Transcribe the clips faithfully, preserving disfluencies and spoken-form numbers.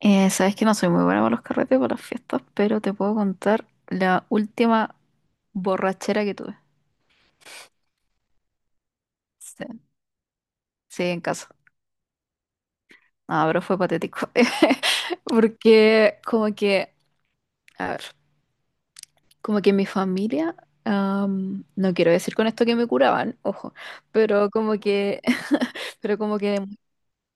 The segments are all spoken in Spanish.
Eh, sabes que no soy muy buena para los carretes, para las fiestas, pero te puedo contar la última borrachera que tuve. Sí, sí, en casa. No, pero fue patético. Porque como que, a ver, como que mi familia, am, no quiero decir con esto que me curaban, ojo, pero como que, pero como que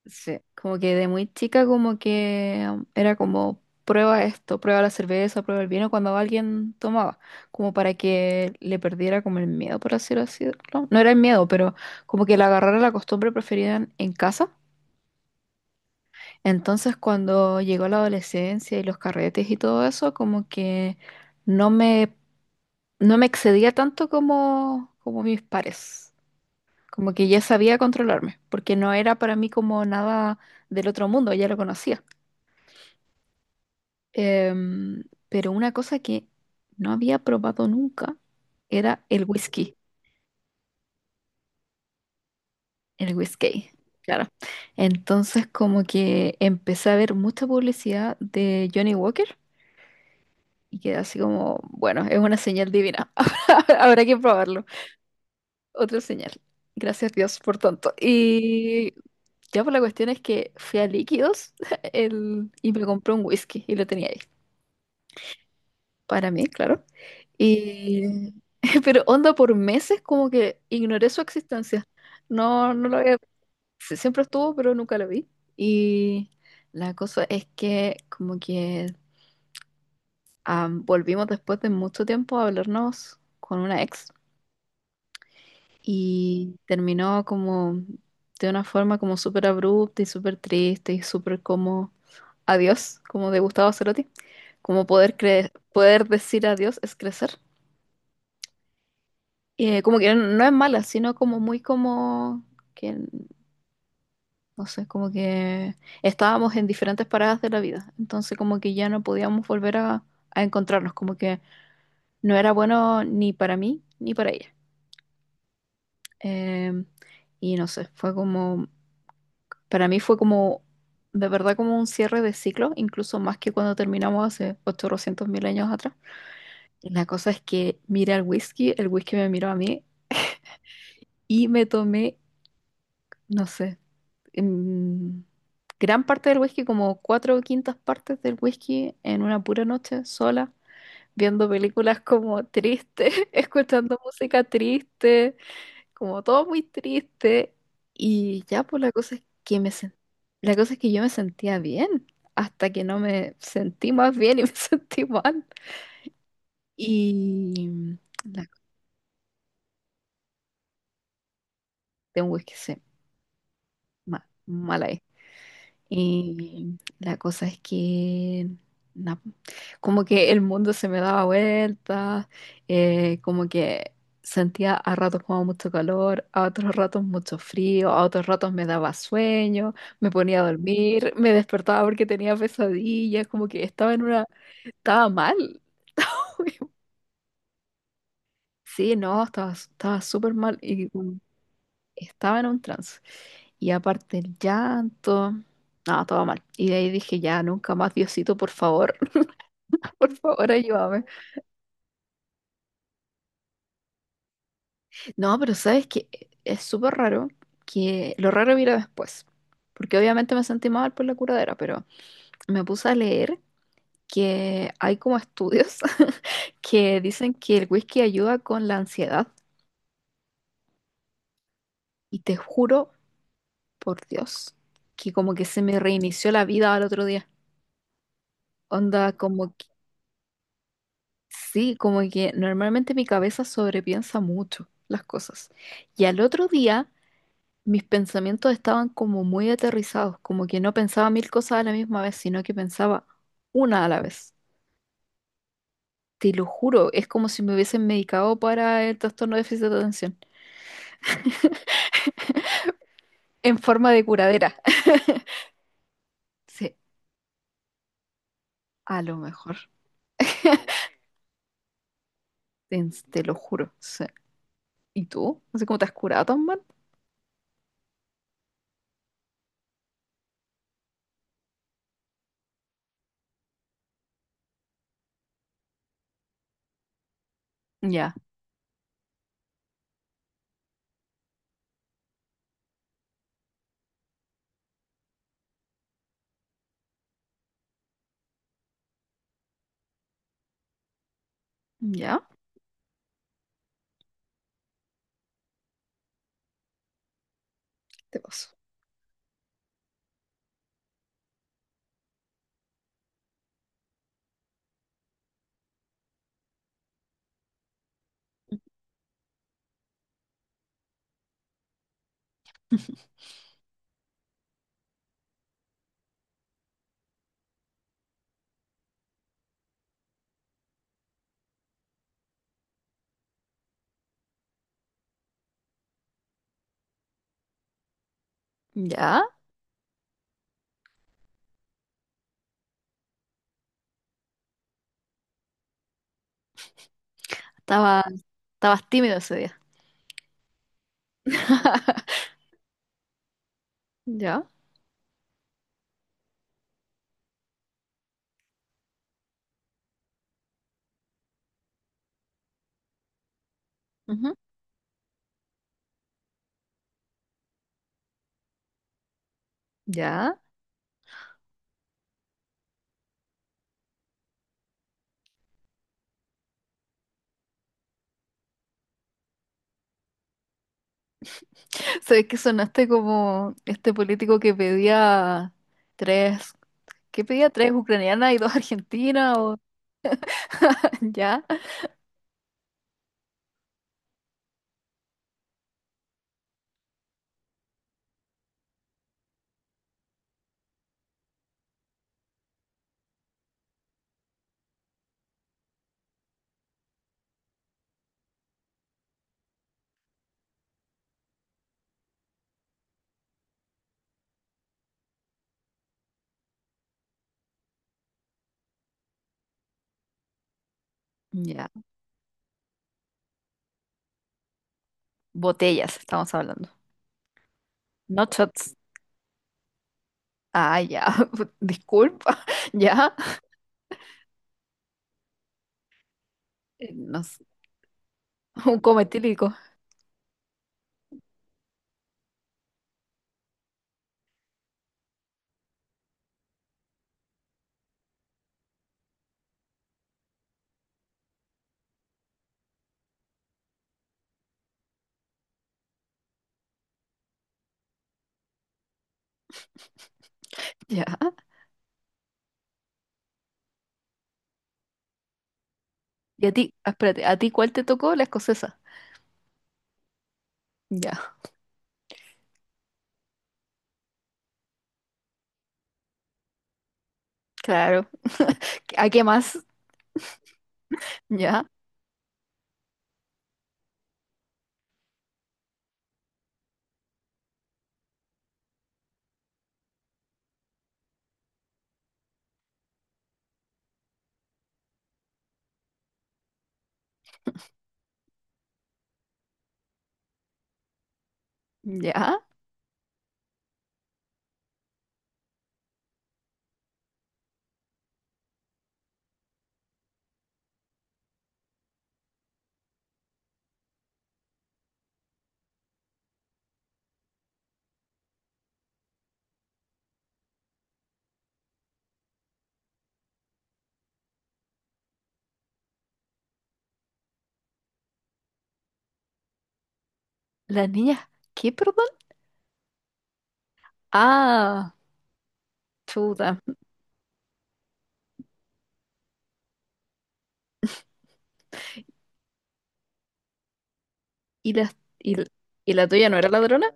sí, como que de muy chica como que um, era como prueba esto, prueba la cerveza, prueba el vino cuando alguien tomaba, como para que le perdiera como el miedo, por así decirlo. No era el miedo, pero como que le agarrara la costumbre preferida en, en casa. Entonces cuando llegó la adolescencia y los carretes y todo eso, como que no me, no me excedía tanto como, como mis pares. Como que ya sabía controlarme, porque no era para mí como nada del otro mundo, ya lo conocía. Em, pero una cosa que no había probado nunca era el whisky, el whisky, claro. Entonces como que empecé a ver mucha publicidad de Johnny Walker y quedé así como, bueno, es una señal divina, habrá que probarlo. Otra señal. Gracias Dios por tanto. Y ya por la cuestión es que fui a Líquidos el, y me compré un whisky y lo tenía ahí. Para mí, claro. Y, pero onda por meses como que ignoré su existencia. No, no lo había, sí, siempre estuvo, pero nunca lo vi. Y la cosa es que como que am, volvimos después de mucho tiempo a hablarnos con una ex y terminó como de una forma como súper abrupta y súper triste y súper como adiós, como de Gustavo Cerati. Como poder cre- poder decir adiós es crecer. Eh, como que no es mala, sino como muy como que, no sé, como que estábamos en diferentes paradas de la vida, entonces como que ya no podíamos volver a, a encontrarnos, como que no era bueno ni para mí ni para ella. Eh, y no sé, fue como, para mí fue como, de verdad como un cierre de ciclo, incluso más que cuando terminamos hace ochocientos mil años atrás. La cosa es que miré al whisky, el whisky me miró a mí y me tomé, no sé. mm, Gran parte del whisky, como cuatro quintas partes del whisky, en una pura noche sola, viendo películas como tristes, escuchando música triste, como todo muy triste. Y ya, pues la cosa es que me sen- la cosa es que yo me sentía bien, hasta que no me sentí más bien y me sentí mal. Y mm, la de un whisky se ma- mala. Y la cosa es que, na, como que el mundo se me daba vueltas, eh, como que sentía a ratos como mucho calor, a otros ratos mucho frío, a otros ratos me daba sueño, me ponía a dormir, me despertaba porque tenía pesadillas, como que estaba en una, estaba mal. Sí, no, estaba, estaba súper mal. Y, estaba en un trance. Y aparte el llanto, no, todo mal. Y de ahí dije, ya, nunca más, Diosito, por favor, por favor, ayúdame. No, pero sabes que eh, es súper raro que lo raro vino después. Porque obviamente me sentí mal por la curadera, pero me puse a leer que hay como estudios que dicen que el whisky ayuda con la ansiedad. Y te juro, por Dios, que como que se me reinició la vida al otro día. Onda, como sí, como que normalmente mi cabeza sobrepiensa mucho las cosas. Y al otro día mis pensamientos estaban como muy aterrizados, como que no pensaba mil cosas a la misma vez, sino que pensaba una a la vez. Te lo juro, es como si me hubiesen medicado para el trastorno de déficit de atención, en forma de curadera. Sí, a lo mejor. Te, Te lo juro. Sí. ¿Y tú? No sé cómo te has curado tan mal. Ya, ya, te paso. Ya, estaba, estabas tímido ese día. Ya. Ujú. Ya. Sabes que sonaste como este político que pedía tres, que pedía tres ucranianas y dos argentinas o ya. Ya. Botellas estamos hablando. No shots. Ah, ya. Disculpa. Ya. Eh, No sé. Un coma etílico. Ya. Y a ti, ah, espérate, ¿a ti cuál te tocó? La escocesa. Ya. Claro. ¿A qué más? Ya. Ya. Las niñas. ¿Qué, perdón? Ah, chuta. Y la, y, y la tuya no era ladrona.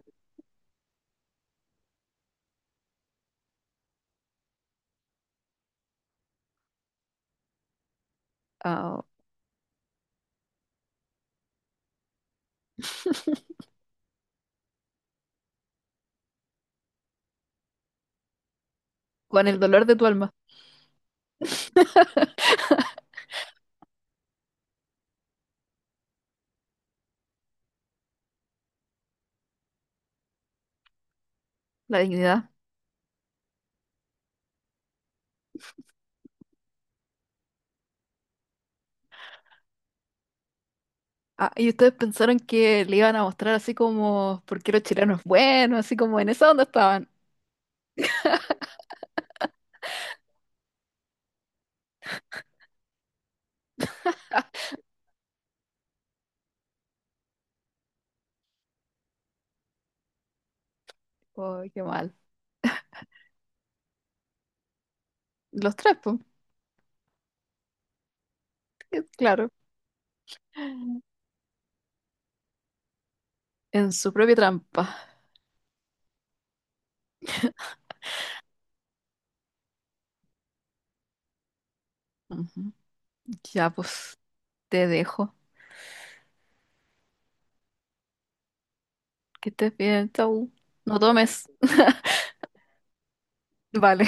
Ah, con el dolor de tu alma, la dignidad. Ah, y ustedes pensaron que le iban a mostrar así como por qué los chilenos buenos, así como en esa onda estaban. Oh, qué mal. Los tres, pues, claro, en su propia trampa. Ujú. Ya, pues, te dejo. Que estés bien, chau. No tomes. Vale.